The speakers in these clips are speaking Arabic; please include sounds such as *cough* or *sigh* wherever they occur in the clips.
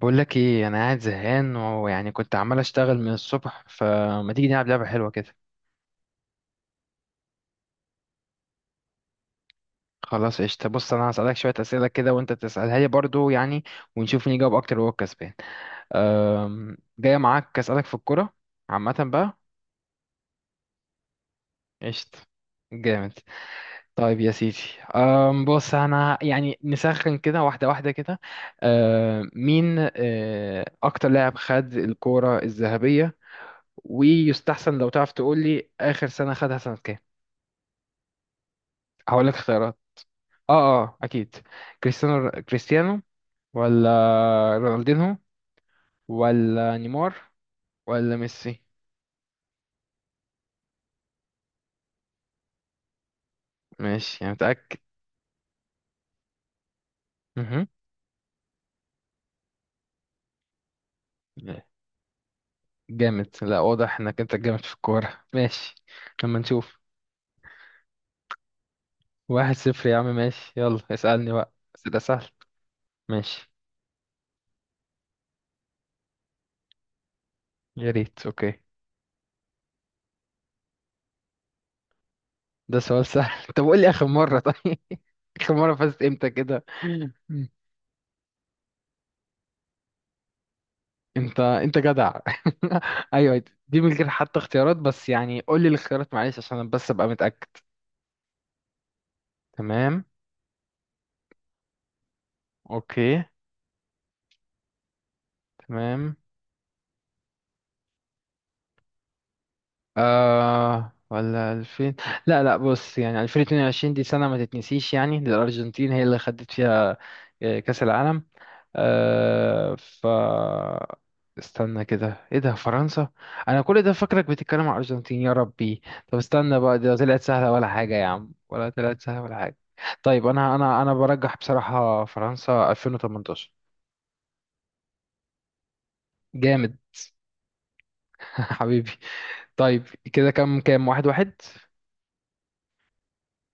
بقول لك ايه، انا قاعد زهقان ويعني كنت عمال اشتغل من الصبح، فما تيجي نلعب لعبه حلوه كده؟ خلاص قشطه. بص، انا هسالك شويه اسئله كده وانت تسالها لي برضو يعني، ونشوف مين يجاوب اكتر وهو الكسبان. جايه معاك اسالك في الكوره عامه بقى. قشطه. جامد. طيب يا سيدي. بص، انا يعني نسخن كده واحده واحده كده. مين اكتر لاعب خد الكوره الذهبيه؟ ويستحسن لو تعرف تقول لي اخر سنه خدها سنه كام. هقول لك اختيارات. اه، اه اكيد. كريستيانو، كريستيانو ولا رونالدينهو ولا نيمار ولا ميسي؟ ماشي يعني، متأكد؟ مهم. لا. جامد، لا واضح انك انت جامد في الكورة. ماشي، لما نشوف. 1-0 يا عم، ماشي، يلا اسألني بقى بس ده سهل. ماشي، يا ريت. اوكي. ده سؤال سهل. *laughs* طب قول لي اخر مرة، طيب. *laughs* اخر مرة فزت امتى كده؟ انت جدع. *laughs* ايوه دي من غير حتى اختيارات، بس يعني قول لي الاختيارات معلش عشان انا بس ابقى متأكد. تمام. اوكي. تمام. ولا 2000؟ لا لا، بص يعني 2022 دي سنة ما تتنسيش يعني للأرجنتين، هي اللي خدت فيها كأس العالم. آه ف استنى كده، ايه ده، فرنسا؟ انا كل ده فاكرك بتتكلم على الارجنتين، يا ربي. طب استنى بقى، ده طلعت سهله ولا حاجه يا عم، ولا طلعت سهله ولا حاجه؟ طيب، انا برجح بصراحه فرنسا 2018. جامد. *laughs* حبيبي. طيب، كده كام كام، واحد واحد.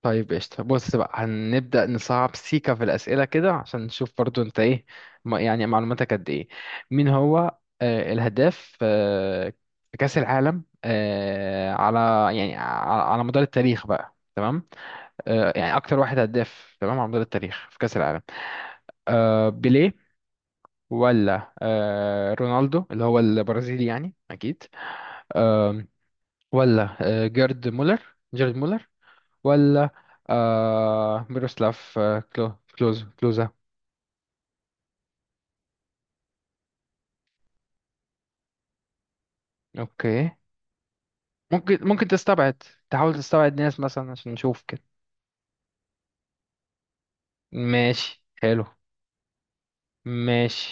طيب قشطة، بص بقى هنبدأ نصعب سيكا في الأسئلة كده عشان نشوف برضو أنت إيه، يعني معلوماتك قد إيه. مين هو الهداف في كأس العالم على يعني على مدار التاريخ بقى، تمام؟ يعني أكتر واحد هداف، تمام، على مدار التاريخ في كأس العالم. بيليه، ولا رونالدو اللي هو البرازيلي يعني أكيد، ولا جيرد مولر، جيرد مولر، ولا ميروسلاف كلوزا؟ اوكي. ممكن تستبعد، تحاول تستبعد ناس مثلا عشان نشوف كده. ماشي، حلو. ماشي.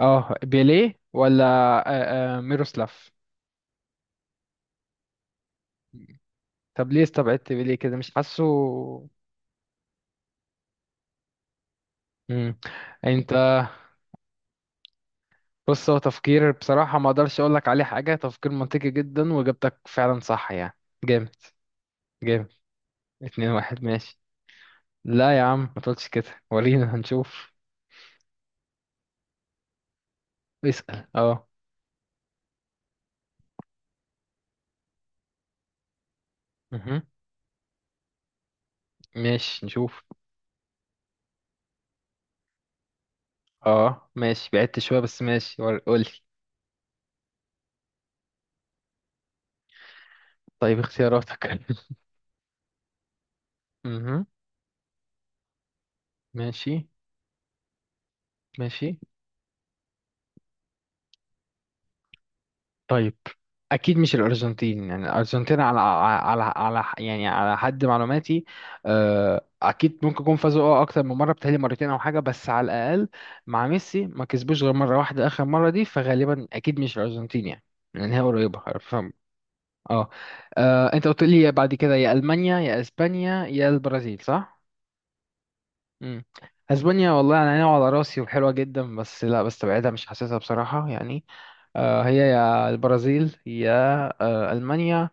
اه، بيليه ولا ميروسلاف؟ طب ليه استبعدت بيليه كده، مش حاسه؟ مم. انت. بص، هو تفكير بصراحة ما اقدرش اقول لك عليه حاجة، تفكير منطقي جدا، واجابتك فعلا صح يعني. جامد، جامد. 2-1، ماشي. لا يا عم، ما تقولش كده، ورينا هنشوف. اسأل، اه. مهم. ماشي، نشوف. اه ماشي، بعدت شوية بس ماشي. قولي. طيب، اختياراتك؟ *laughs* مهم. ماشي، ماشي. طيب، أكيد مش الأرجنتين يعني. الأرجنتين على على يعني على حد معلوماتي. أكيد ممكن يكون فازوا أكتر من مرة، بتهيألي مرتين أو حاجة بس على الأقل مع ميسي ما كسبوش غير مرة واحدة آخر مرة دي، فغالبا أكيد مش الأرجنتين يعني، لأن هي قريبة. اه. انت قلت لي بعد كده يا المانيا يا اسبانيا يا البرازيل، صح؟ امم اسبانيا والله انا ناوي على راسي وحلوه جدا، بس لا بستبعدها مش حاسسها بصراحه يعني. هي يا البرازيل يا المانيا.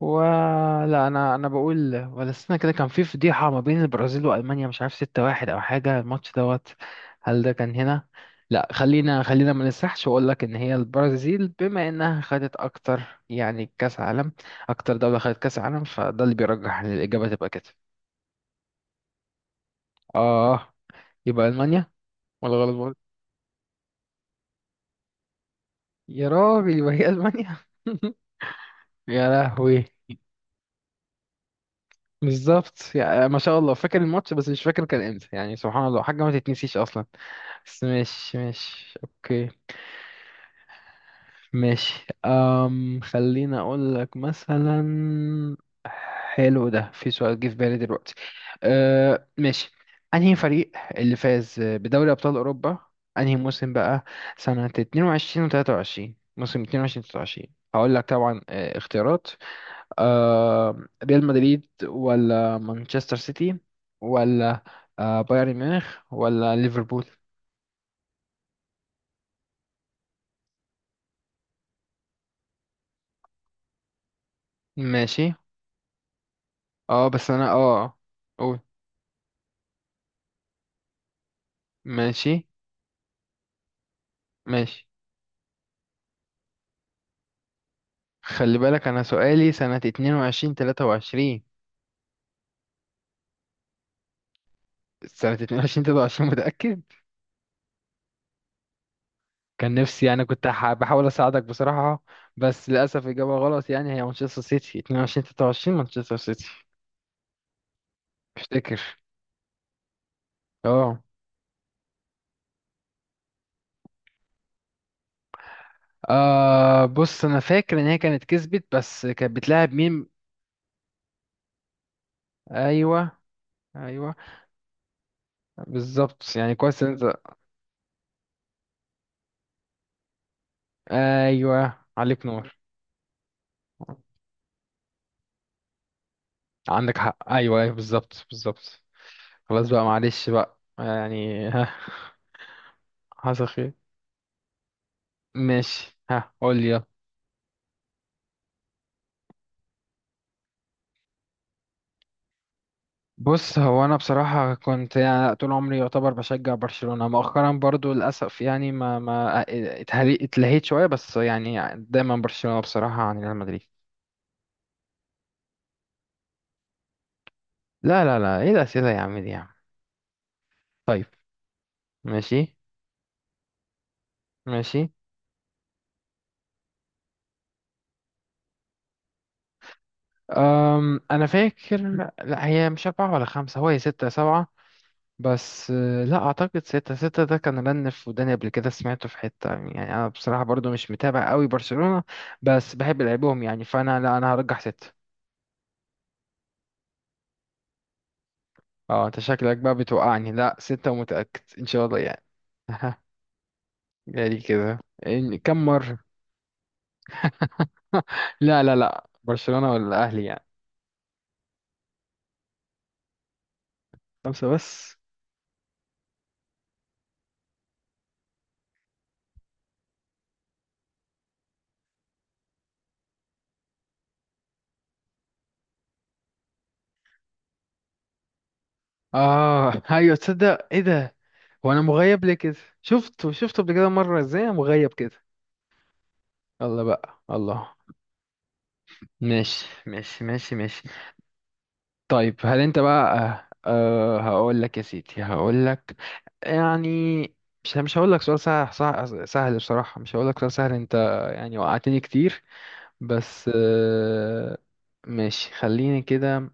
ولا، انا بقول ولا السنه كده كان في فضيحه ما بين البرازيل والمانيا، مش عارف 6-1 او حاجه، الماتش دوت. هل ده كان هنا؟ لا، خلينا ما نسرحش، واقول لك ان هي البرازيل بما انها خدت اكتر يعني كاس عالم، اكتر دوله خدت كاس عالم، فده اللي بيرجح ان الاجابه تبقى كده. اه، يبقى المانيا. ولا غلط برضه؟ يا راجل، يبقى هي المانيا. *laughs* يا لهوي. بالظبط يعني، ما شاء الله، فاكر الماتش بس مش فاكر كان امتى يعني، سبحان الله، حاجه ما تتنسيش اصلا. بس ماشي، ماشي، اوكي. ماشي، خليني اقول لك مثلا. حلو، ده في سؤال جه في بالي دلوقتي. أه ماشي. انهي فريق اللي فاز بدوري ابطال اوروبا انهي موسم بقى؟ سنة 22 و23، موسم 22 23. هقول لك طبعا، اختيارات. أه، ريال مدريد ولا مانشستر سيتي، ولا بايرن ميونخ ولا ليفربول؟ ماشي، اه بس انا قول. ماشي. ماشي، خلي بالك انا سؤالي سنة اتنين وعشرين تلاتة وعشرين. سنة اتنين وعشرين تلاتة وعشرين، متأكد؟ كان نفسي يعني كنت بحاول اساعدك بصراحة، بس للأسف إجابة غلط. يعني هي مانشستر سيتي اتنين وعشرين تلاتة وعشرين، مانشستر سيتي افتكر. اه. بص انا فاكر ان هي كانت كسبت، بس كانت بتلاعب مين؟ ايوه، ايوه، بالظبط يعني، كويس إن انت. ايوه، عليك نور. عندك حق، ايوه، ايوه، بالظبط، بالظبط. خلاص بقى، معلش بقى يعني. ها، حصل خير. ماشي، ها قول لي يلا. بص، هو انا بصراحه كنت يعني طول عمري يعتبر بشجع برشلونه، مؤخرا برضو للاسف يعني ما اتلهيت شويه، بس يعني دايما برشلونه بصراحه عن ريال مدريد. لا، لا، لا، ايه الاسئله يا عم دي يا عم؟ طيب. ماشي. ماشي. انا فاكر. لا، هي مش اربعه ولا خمسه، هو هي سته سبعه. بس لا اعتقد ستة. ستة ده كان رن في وداني قبل كده، سمعته في حتة يعني، انا بصراحة برضو مش متابع قوي برشلونة، بس بحب لعبهم يعني. فانا لا، انا هرجح ستة. اه، انت شكلك بقى بتوقعني. لا ستة، ومتأكد ان شاء الله يعني. *laughs* يعني كده. كم مرة؟ *laughs* لا، لا، لا، برشلونة ولا الاهلي يعني. خمسة بس؟ اه. *laughs* ايوه، تصدق ايه ده. هو انا مغيب ليه كده؟ شفته قبل كده مرة، ازاي أنا مغيب كده؟ يلا بقى، الله. ماشي، ماشي، ماشي، ماشي. طيب هل انت بقى أه آه، هقول لك يا سيدي، هقول لك يعني، مش هقول لك سؤال سهل، سهل سهل بصراحة. مش هقول لك سؤال سهل، انت يعني وقعتني كتير. بس ماشي، خليني كده،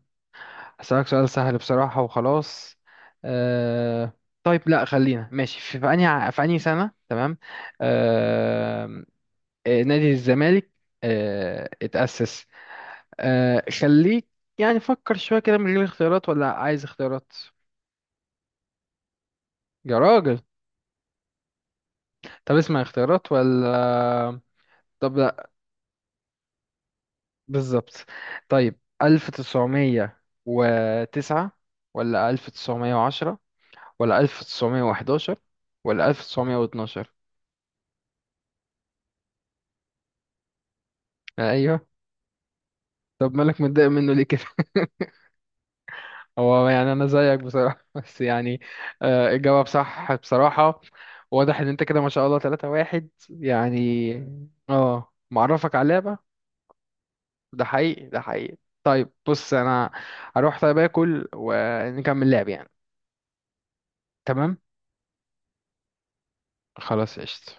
هسألك سؤال سهل بصراحة وخلاص. أه. طيب لا خلينا ماشي، في انهي سنة، تمام؟ أه. نادي الزمالك اتأسس. خليك يعني، فكر شوية كده من غير اختيارات، ولا عايز اختيارات؟ يا راجل. طب اسمع اختيارات ولا؟ طب لا. بالظبط. طيب، 1909، ولا 1910، ولا 1911، ولا 1912؟ أيوه. طب مالك متضايق منه ليه كده؟ *laughs* هو يعني انا زيك بصراحه، *laughs* بس يعني الجواب صح بصراحه. واضح ان انت كده، ما شاء الله، 3 واحد يعني. اه، معرفك على اللعبه. ده حقيقي، ده حقيقي. طيب، بص انا هروح طيب اكل ونكمل لعب يعني. تمام، خلاص قشطة.